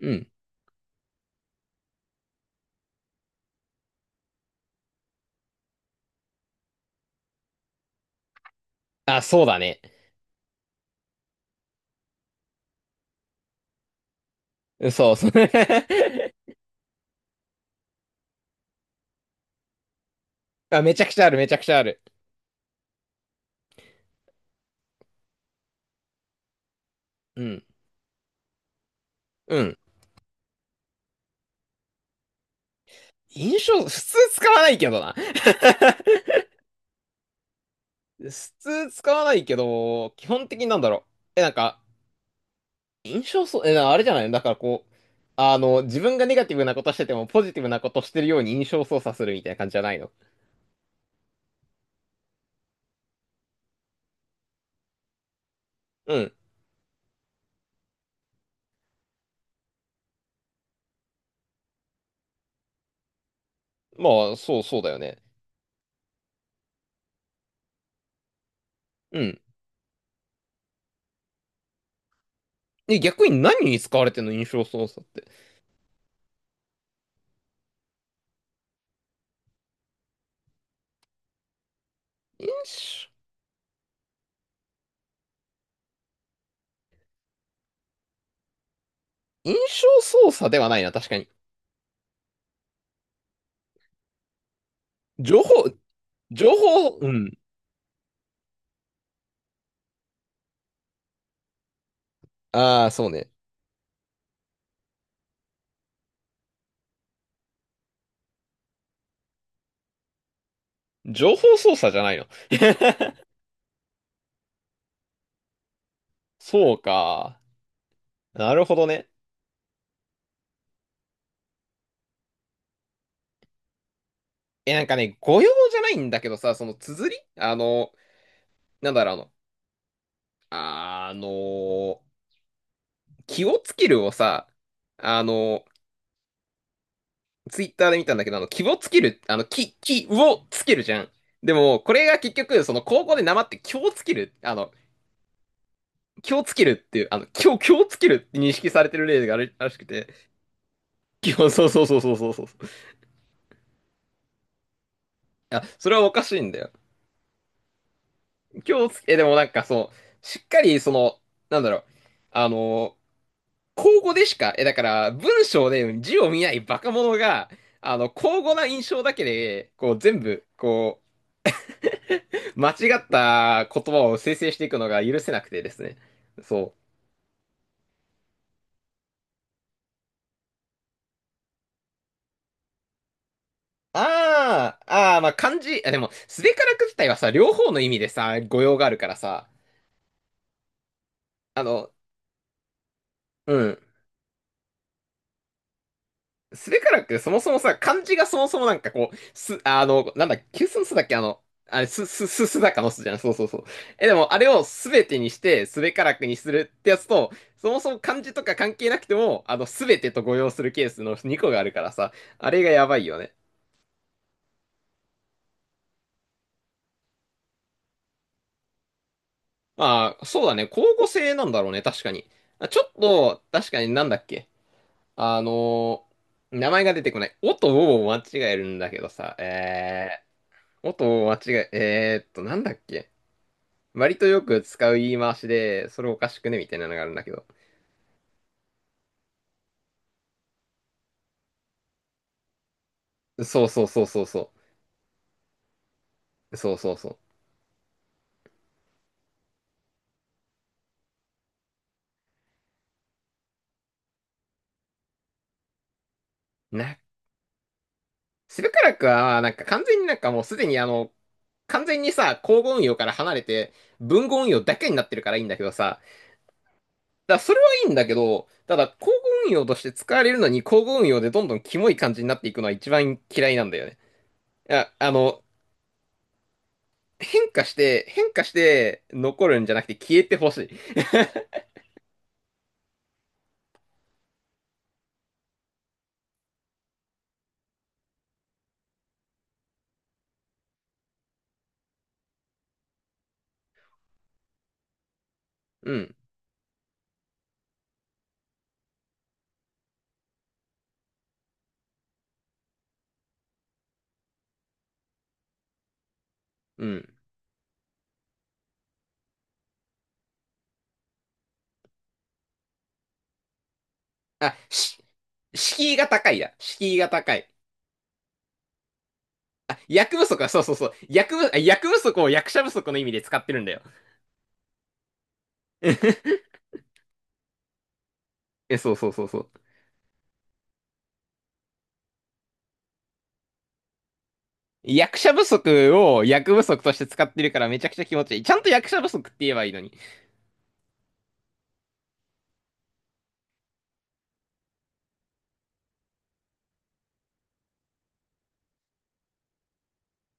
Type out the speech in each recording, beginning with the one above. うん。あ、そうだね。そうそう。あ、めちゃくちゃある、めちゃくちゃある。うん。うん。印象、普通使わないけどな。普通使わないけど、基本的になんだろう。え、なんか、印象そう、え、なあれじゃない。だからこう、あの、自分がネガティブなことしてても、ポジティブなことしてるように印象操作するみたいな感じじゃないの？うん。まあ、そう、そうだよね。うん。え、逆に何に使われてんの、印象操作って。印象、印象操作ではないな、確かに。情報、情報、うん。ああ、そうね。情報操作じゃないの？そうか。なるほどね。え、なんかね、誤用じゃないんだけどさ、その綴り、あの、なんだろう、あの、気をつけるをさ、あの、ツイッターで見たんだけど、あの、気をつける、あの、気をつけるじゃん。でも、これが結局、その、高校でなまって、気をつける、あの、気をつけるっていう、あの、気をつけるって認識されてる例があるらしくて。気を、そうそうそうそうそうそう。あ、それはおかしいんだよ。今日つ、え、でもなんかその、しっかりその、なんだろう、あの、口語でしか、え、だから文章で字を見ないバカ者が、あの、口語な印象だけで、こう全部、こう、間違った言葉を生成していくのが許せなくてですね。そう。あー、あー、まあ漢字、あ、でも、すべからく自体はさ、両方の意味でさ、語用があるからさ、あの、うん。スべカラクってそもそもさ、漢字がそもそもなんかこう、す、あの、なんだ、急須の須だっけ、あの、あれ、すだかの須じゃん。そうそうそう。え、でも、あれをすべてにして、スべカラクにするってやつと、そもそも漢字とか関係なくても、あの、すべてと誤用するケースの2個があるからさ、あれがやばいよね。まあ、そうだね。交互性なんだろうね、確かに。あちょっと、確かになんだっけ、あの、名前が出てこない。おとおを間違えるんだけどさ、おとおを間違え、なんだっけ、割とよく使う言い回しで、それおかしくねみたいなのがあるんだけど。そうそうそうそうそう。そうそうそう。な、セブカラクは、なんか完全になんかもうすでにあの、完全にさ、交互運用から離れて、文語運用だけになってるからいいんだけどさ。だからそれはいいんだけど、ただ、交互運用として使われるのに、交互運用でどんどんキモい感じになっていくのは一番嫌いなんだよね。いや、あの、変化して残るんじゃなくて消えてほしい。うん、うん。あ、し、敷居が高いだ。敷居が高い。あ、役不足は、そうそうそう。役不、あ、役不足を役者不足の意味で使ってるんだよ。え、そうそうそうそう。役者不足を役不足として使ってるからめちゃくちゃ気持ちいい。ちゃんと役者不足って言えばいいのに。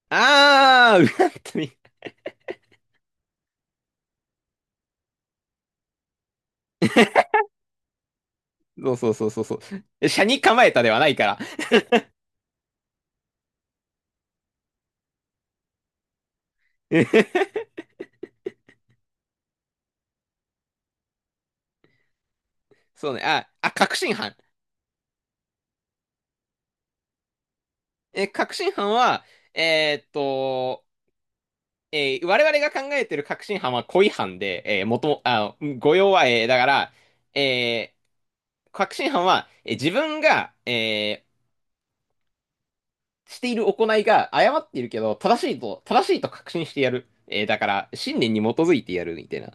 あー、うわっとね、そうそうそうそうそう。斜に構えたではないから。そうね。あ、あ、確信犯。え、確信犯は、えーっと、我々が考えてる確信犯は故意犯で、元も、あ、誤用は、だから、えー確信犯は、自分が、している行いが誤っているけど、正しいと、正しいと確信してやる。だから、信念に基づいてやるみたいな。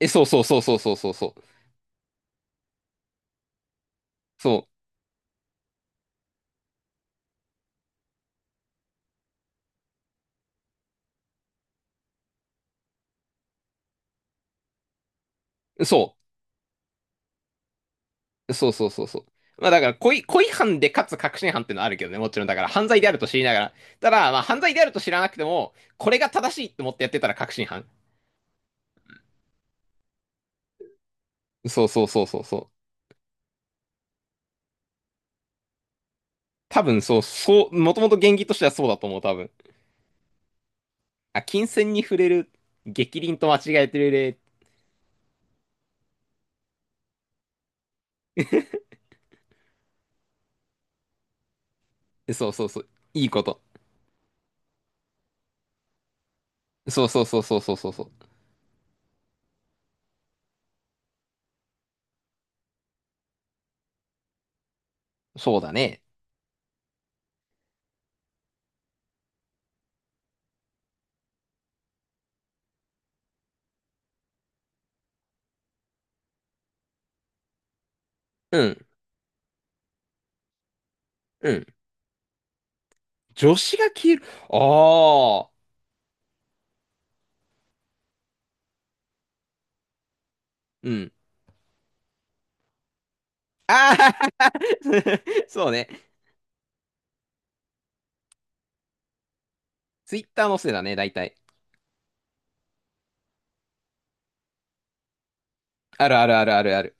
え、そうそうそうそうそうそうそう。そう、そう、そうそうそうそう。まあだから、故意、故意犯でかつ確信犯ってのはあるけどね、もちろん。だから犯罪であると知りながら。ただ、まあ犯罪であると知らなくても、これが正しいって思ってやってたら確信犯。そうそうそうそうそう。多分そう、そう、もともと原義としてはそうだと思う、多分。あ、金銭に触れる、逆鱗と間違えてる例、そうそうそう、いいこと。そうそうそうそうそうそうそう。そうだね。うん、うん。女子が消える。ああ、うん。ああ そうね。ツイッターのせいだね、大体。あるあるあるあるある。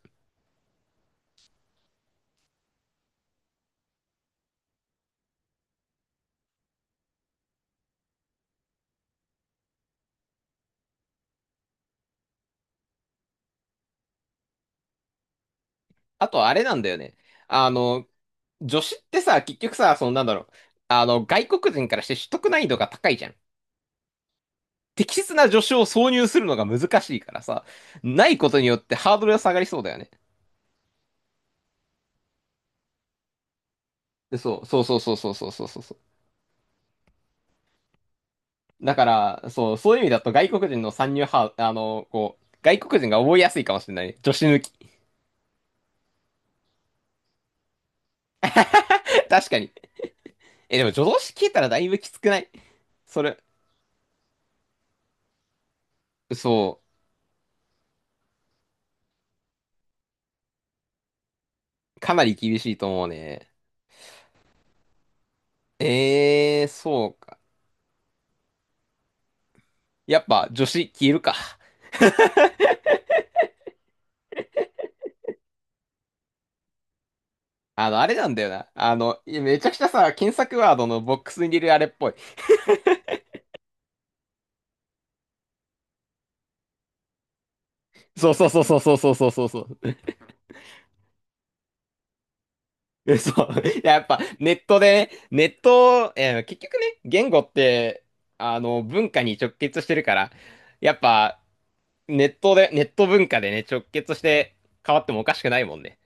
あと、あれなんだよね。あの、女子ってさ、結局さ、そのなんだろう。あの、外国人からして取得難易度が高いじゃん。適切な助手を挿入するのが難しいからさ、ないことによってハードルが下がりそうだよね。でそう、そうそうそうそうそうそうそうそう。だから、そう、そういう意味だと外国人の参入ハ、あの、こう、外国人が覚えやすいかもしれない。助手抜き。確かに。え、でも助動詞消えたらだいぶきつくない？それ、そう、かなり厳しいと思うね。えー、そうか。やっぱ助詞消えるか。あの、あれなんだよな。あの、いやめちゃくちゃさ、検索ワードのボックスに入れるあれっぽい。そうそうそうそうそうそうそうそう。嘘そう。や、やっぱネットでね、ネット、結局ね、言語って、あの、文化に直結してるから、やっぱ、ネットで、ネット文化でね、直結して変わってもおかしくないもんね。